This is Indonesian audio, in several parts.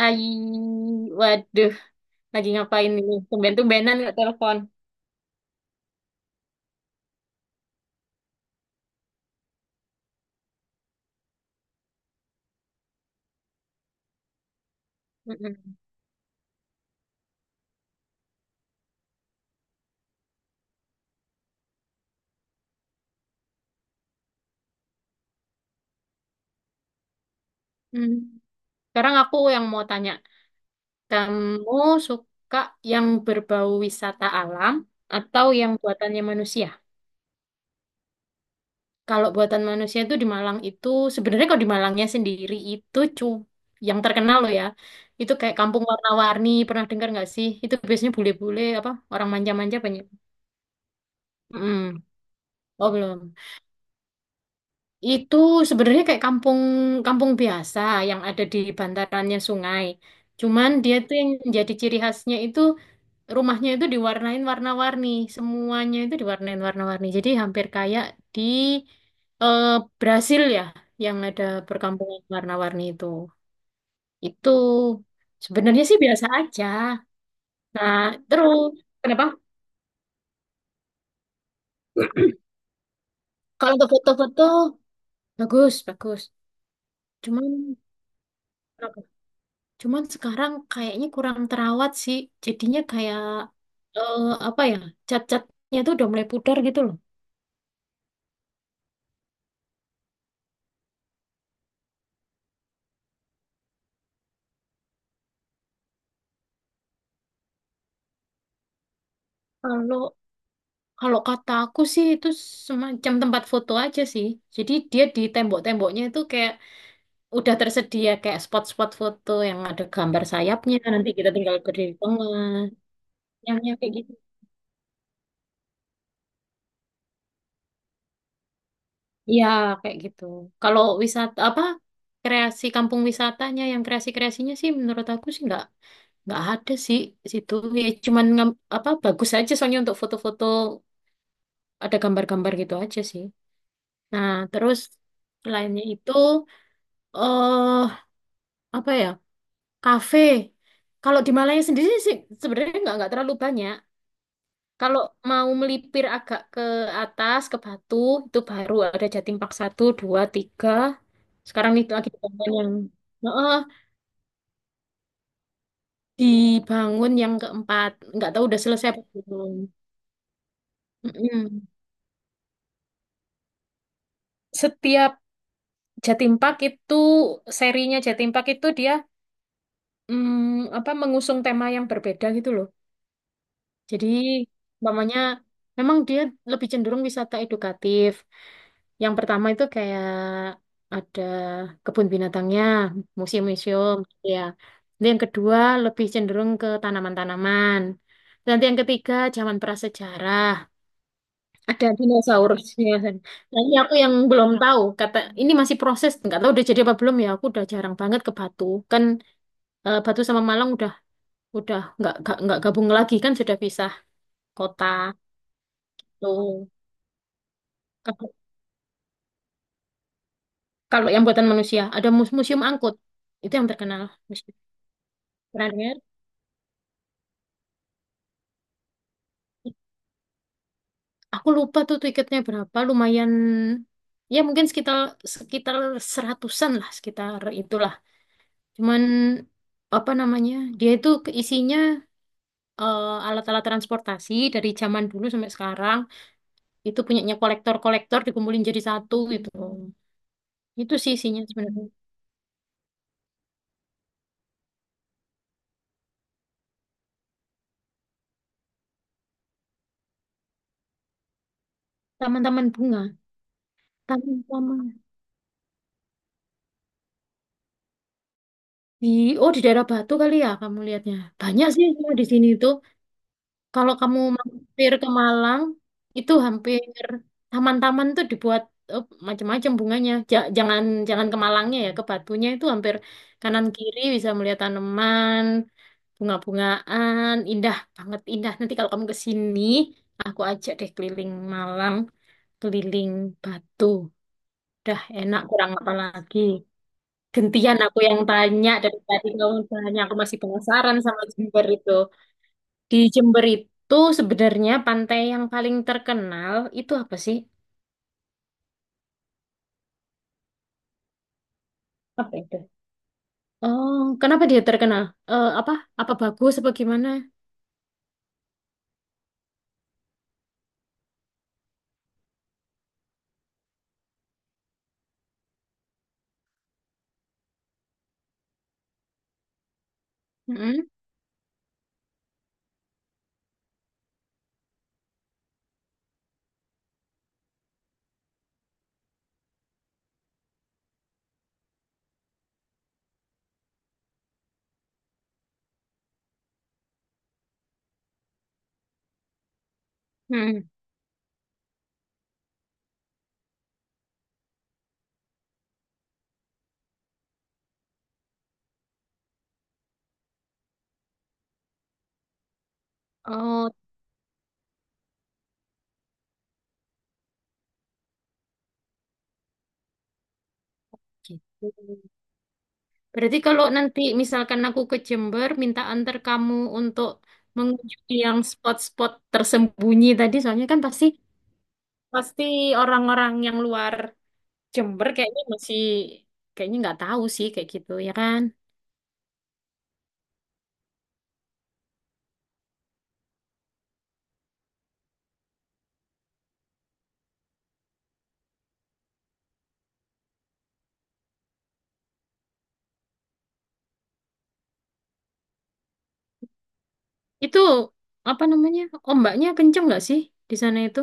Hai, waduh, lagi ngapain ini? Tumben-tumbenan nggak telepon. Mm-mm. Hmm. Sekarang aku yang mau tanya, kamu suka yang berbau wisata alam atau yang buatannya manusia? Kalau buatan manusia itu di Malang itu, sebenarnya kalau di Malangnya sendiri itu yang terkenal loh ya, itu kayak kampung warna-warni, pernah dengar nggak sih? Itu biasanya bule-bule apa orang manja-manja banyak. Mm-mm. Oh, belum. Itu sebenarnya kayak kampung kampung biasa yang ada di bantarannya sungai. Cuman dia tuh yang jadi ciri khasnya itu rumahnya itu diwarnain warna-warni, semuanya itu diwarnain warna-warni. Jadi hampir kayak di eh, Brasil ya yang ada perkampungan warna-warni itu. Itu sebenarnya sih biasa aja. Nah, terus kenapa? Kalau untuk foto-foto bagus, bagus. Cuman Cuman sekarang kayaknya kurang terawat sih. Jadinya kayak eh, apa ya? Cat-catnya tuh udah mulai pudar gitu loh. Kalau kalau kata aku sih itu semacam tempat foto aja sih. Jadi dia di tembok-temboknya itu kayak udah tersedia kayak spot-spot foto yang ada gambar sayapnya. Nanti kita tinggal berdiri di tengah. Yang kayak gitu. Iya, kayak gitu. Kalau wisata apa kreasi kampung wisatanya yang kreasi-kreasinya sih menurut aku sih nggak ada sih situ ya cuman apa bagus aja soalnya untuk foto-foto ada gambar-gambar gitu aja sih, nah terus lainnya itu eh apa ya, kafe kalau di Malaya sendiri sih sebenarnya nggak terlalu banyak. Kalau mau melipir agak ke atas ke Batu itu baru ada Jatim Park 1, 2, 3. Sekarang itu lagi dibangun yang, heeh, dibangun yang keempat, nggak tahu udah selesai apa belum. Mm-mm. Setiap Jatim Park itu serinya Jatim Park itu dia apa mengusung tema yang berbeda gitu loh. Jadi umpamanya memang dia lebih cenderung wisata edukatif. Yang pertama itu kayak ada kebun binatangnya, museum-museum gitu ya. Nanti yang kedua lebih cenderung ke tanaman-tanaman. Nanti yang ketiga zaman prasejarah. Ada dinosaurusnya. San. Nah, ini aku yang belum tahu. Kata ini masih proses, nggak tahu udah jadi apa belum ya. Aku udah jarang banget ke Batu. Kan Batu sama Malang udah nggak gabung lagi kan sudah pisah kota. Tuh. Kalau kalau yang buatan manusia ada museum angkut. Itu yang terkenal. Museum. Pernah dengar? Aku lupa tuh tiketnya berapa. Lumayan ya mungkin sekitar sekitar seratusan lah, sekitar itulah. Cuman apa namanya? Dia itu isinya alat-alat transportasi dari zaman dulu sampai sekarang itu punyanya kolektor-kolektor dikumpulin jadi satu gitu. Itu sih isinya sebenarnya. Taman-taman bunga, taman-taman di oh di daerah Batu kali ya kamu lihatnya. Banyak sih kalau di sini itu. Kalau kamu mampir ke Malang itu hampir taman-taman tuh dibuat eh, macam-macam bunganya. Ja- jangan jangan ke Malangnya ya, ke Batunya itu hampir kanan kiri bisa melihat tanaman, bunga-bungaan, indah banget indah. Nanti kalau kamu ke sini, aku ajak deh keliling Malang, keliling Batu. Udah enak, kurang apa lagi. Gentian aku yang tanya, dari tadi kamu tanya, aku masih penasaran sama Jember itu. Di Jember itu sebenarnya pantai yang paling terkenal itu apa sih? Apa itu? Oh, kenapa dia terkenal? Eh, apa? Apa bagus apa gimana? Mm-mm. Mm-mm. Oh, gitu. Berarti kalau nanti misalkan aku ke Jember, minta antar kamu untuk mengunjungi yang spot-spot tersembunyi tadi, soalnya kan pasti pasti orang-orang yang luar Jember kayaknya masih kayaknya nggak tahu sih kayak gitu ya kan. Itu apa namanya? Ombaknya kenceng nggak sih di sana itu?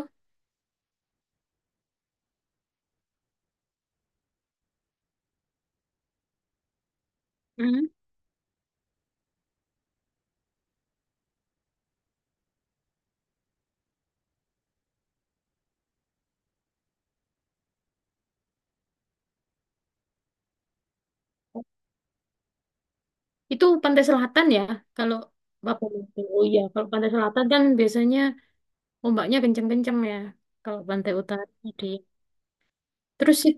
Hmm. Itu pantai selatan ya. Kalau Bapak oh iya, kalau pantai selatan kan biasanya ombaknya kenceng-kenceng ya. Kalau pantai utara tadi. Terus sih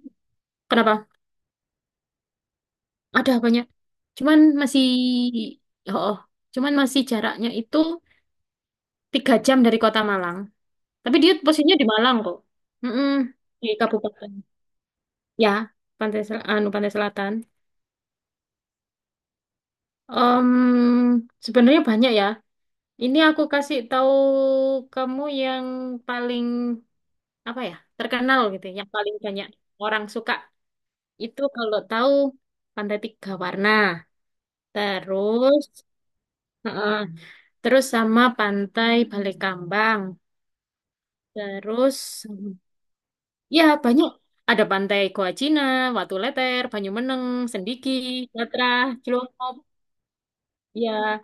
kenapa? Ada banyak. Cuman masih, oh, cuman masih jaraknya itu 3 jam dari kota Malang. Tapi dia posisinya di Malang kok. Mm-mm, di kabupaten. Ya, pantai selatan. Em, Sebenarnya banyak ya. Ini aku kasih tahu kamu yang paling apa ya terkenal gitu, yang paling banyak orang suka itu kalau tahu Pantai Tiga Warna. Terus, Terus sama pantai Balekambang. Terus ya banyak, ada pantai Goa Cina, Watu Leter, Banyumeneng, Sendiki, Batra, Cilongkop. Ya,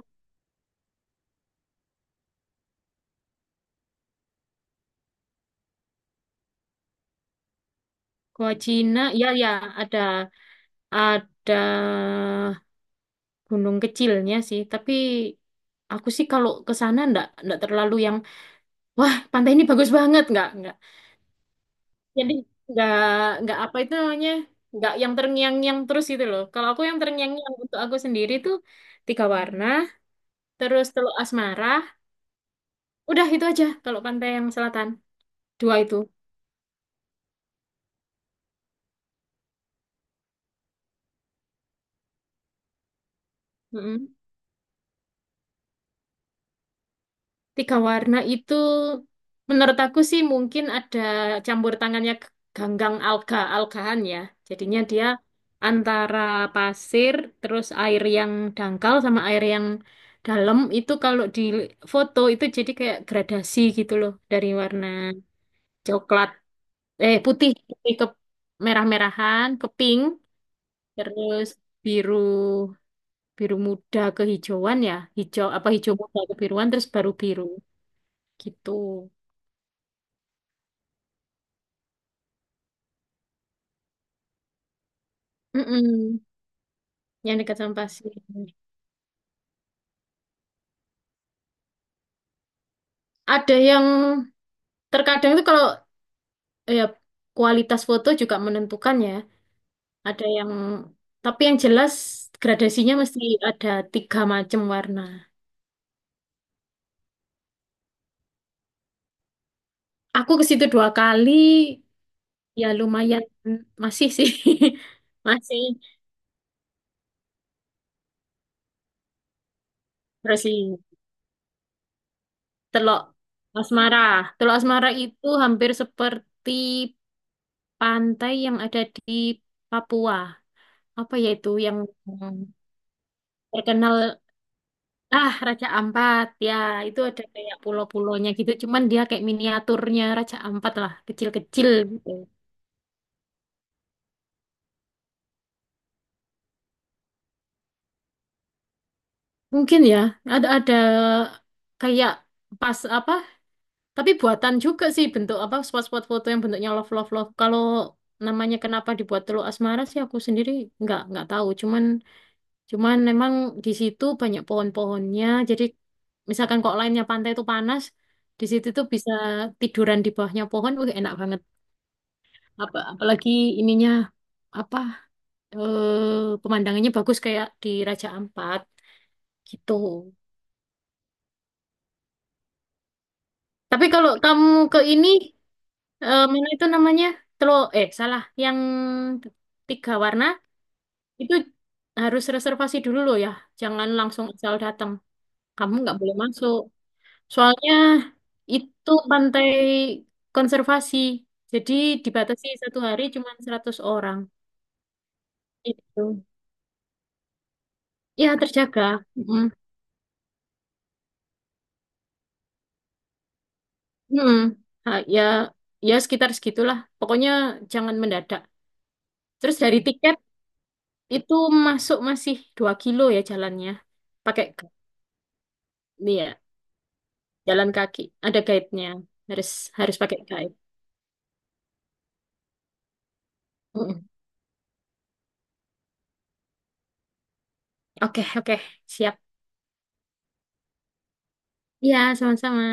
Goa Cina. Ya, ya ada ada gunung kecilnya sih. Tapi aku sih kalau ke sana ndak ndak terlalu yang wah pantai ini bagus banget, nggak nggak. Jadi nggak nggak apa itu namanya, nggak yang terngiang-ngiang terus gitu loh. Kalau aku yang terngiang-ngiang untuk aku sendiri tuh tiga warna, terus Teluk Asmara. Udah itu aja kalau pantai yang selatan. Dua itu. Mm-mm. Tiga warna itu menurut aku sih mungkin ada campur tangannya ganggang alga-algahan ya. Jadinya dia antara pasir, terus air yang dangkal sama air yang dalam itu kalau di foto itu jadi kayak gradasi gitu loh dari warna coklat, putih, putih ke merah-merahan ke pink, terus biru, biru muda kehijauan ya, hijau apa hijau muda kebiruan, terus baru biru gitu. Mm-mm. Yang dekat sama pasir, ada yang terkadang itu kalau ya kualitas foto juga menentukan ya, ada yang, tapi yang jelas gradasinya mesti ada tiga macam warna. Aku ke situ 2 kali ya lumayan masih sih, masih. Terus sih telok asmara, telok asmara itu hampir seperti pantai yang ada di Papua. Apa ya itu yang yang terkenal, ah, Raja Ampat ya, itu ada kayak pulau-pulaunya gitu cuman dia kayak miniaturnya Raja Ampat lah, kecil-kecil gitu. Mungkin ya ada kayak pas apa, tapi buatan juga sih bentuk apa spot-spot foto yang bentuknya love love love. Kalau namanya kenapa dibuat Teluk Asmara sih aku sendiri nggak tahu cuman, memang di situ banyak pohon-pohonnya. Jadi misalkan kok lainnya pantai itu panas, di situ tuh bisa tiduran di bawahnya pohon, wih enak banget. Apa, apalagi ininya apa, pemandangannya bagus kayak di Raja Ampat gitu. Tapi kalau kamu ke ini, mana itu namanya? Telo yang tiga warna itu harus reservasi dulu loh ya. Jangan langsung asal datang. Kamu nggak boleh masuk. Soalnya itu pantai konservasi, jadi dibatasi satu hari cuma 100 orang. Itu. Ya, terjaga. Mm. Mm. Ah, ya, ya sekitar segitulah. Pokoknya jangan mendadak. Terus dari tiket itu masuk masih 2 kilo ya jalannya. Pakai ya, jalan kaki. Ada guide-nya. Harus harus pakai guide. Mm. Oke, oke, siap. Ya, sama-sama.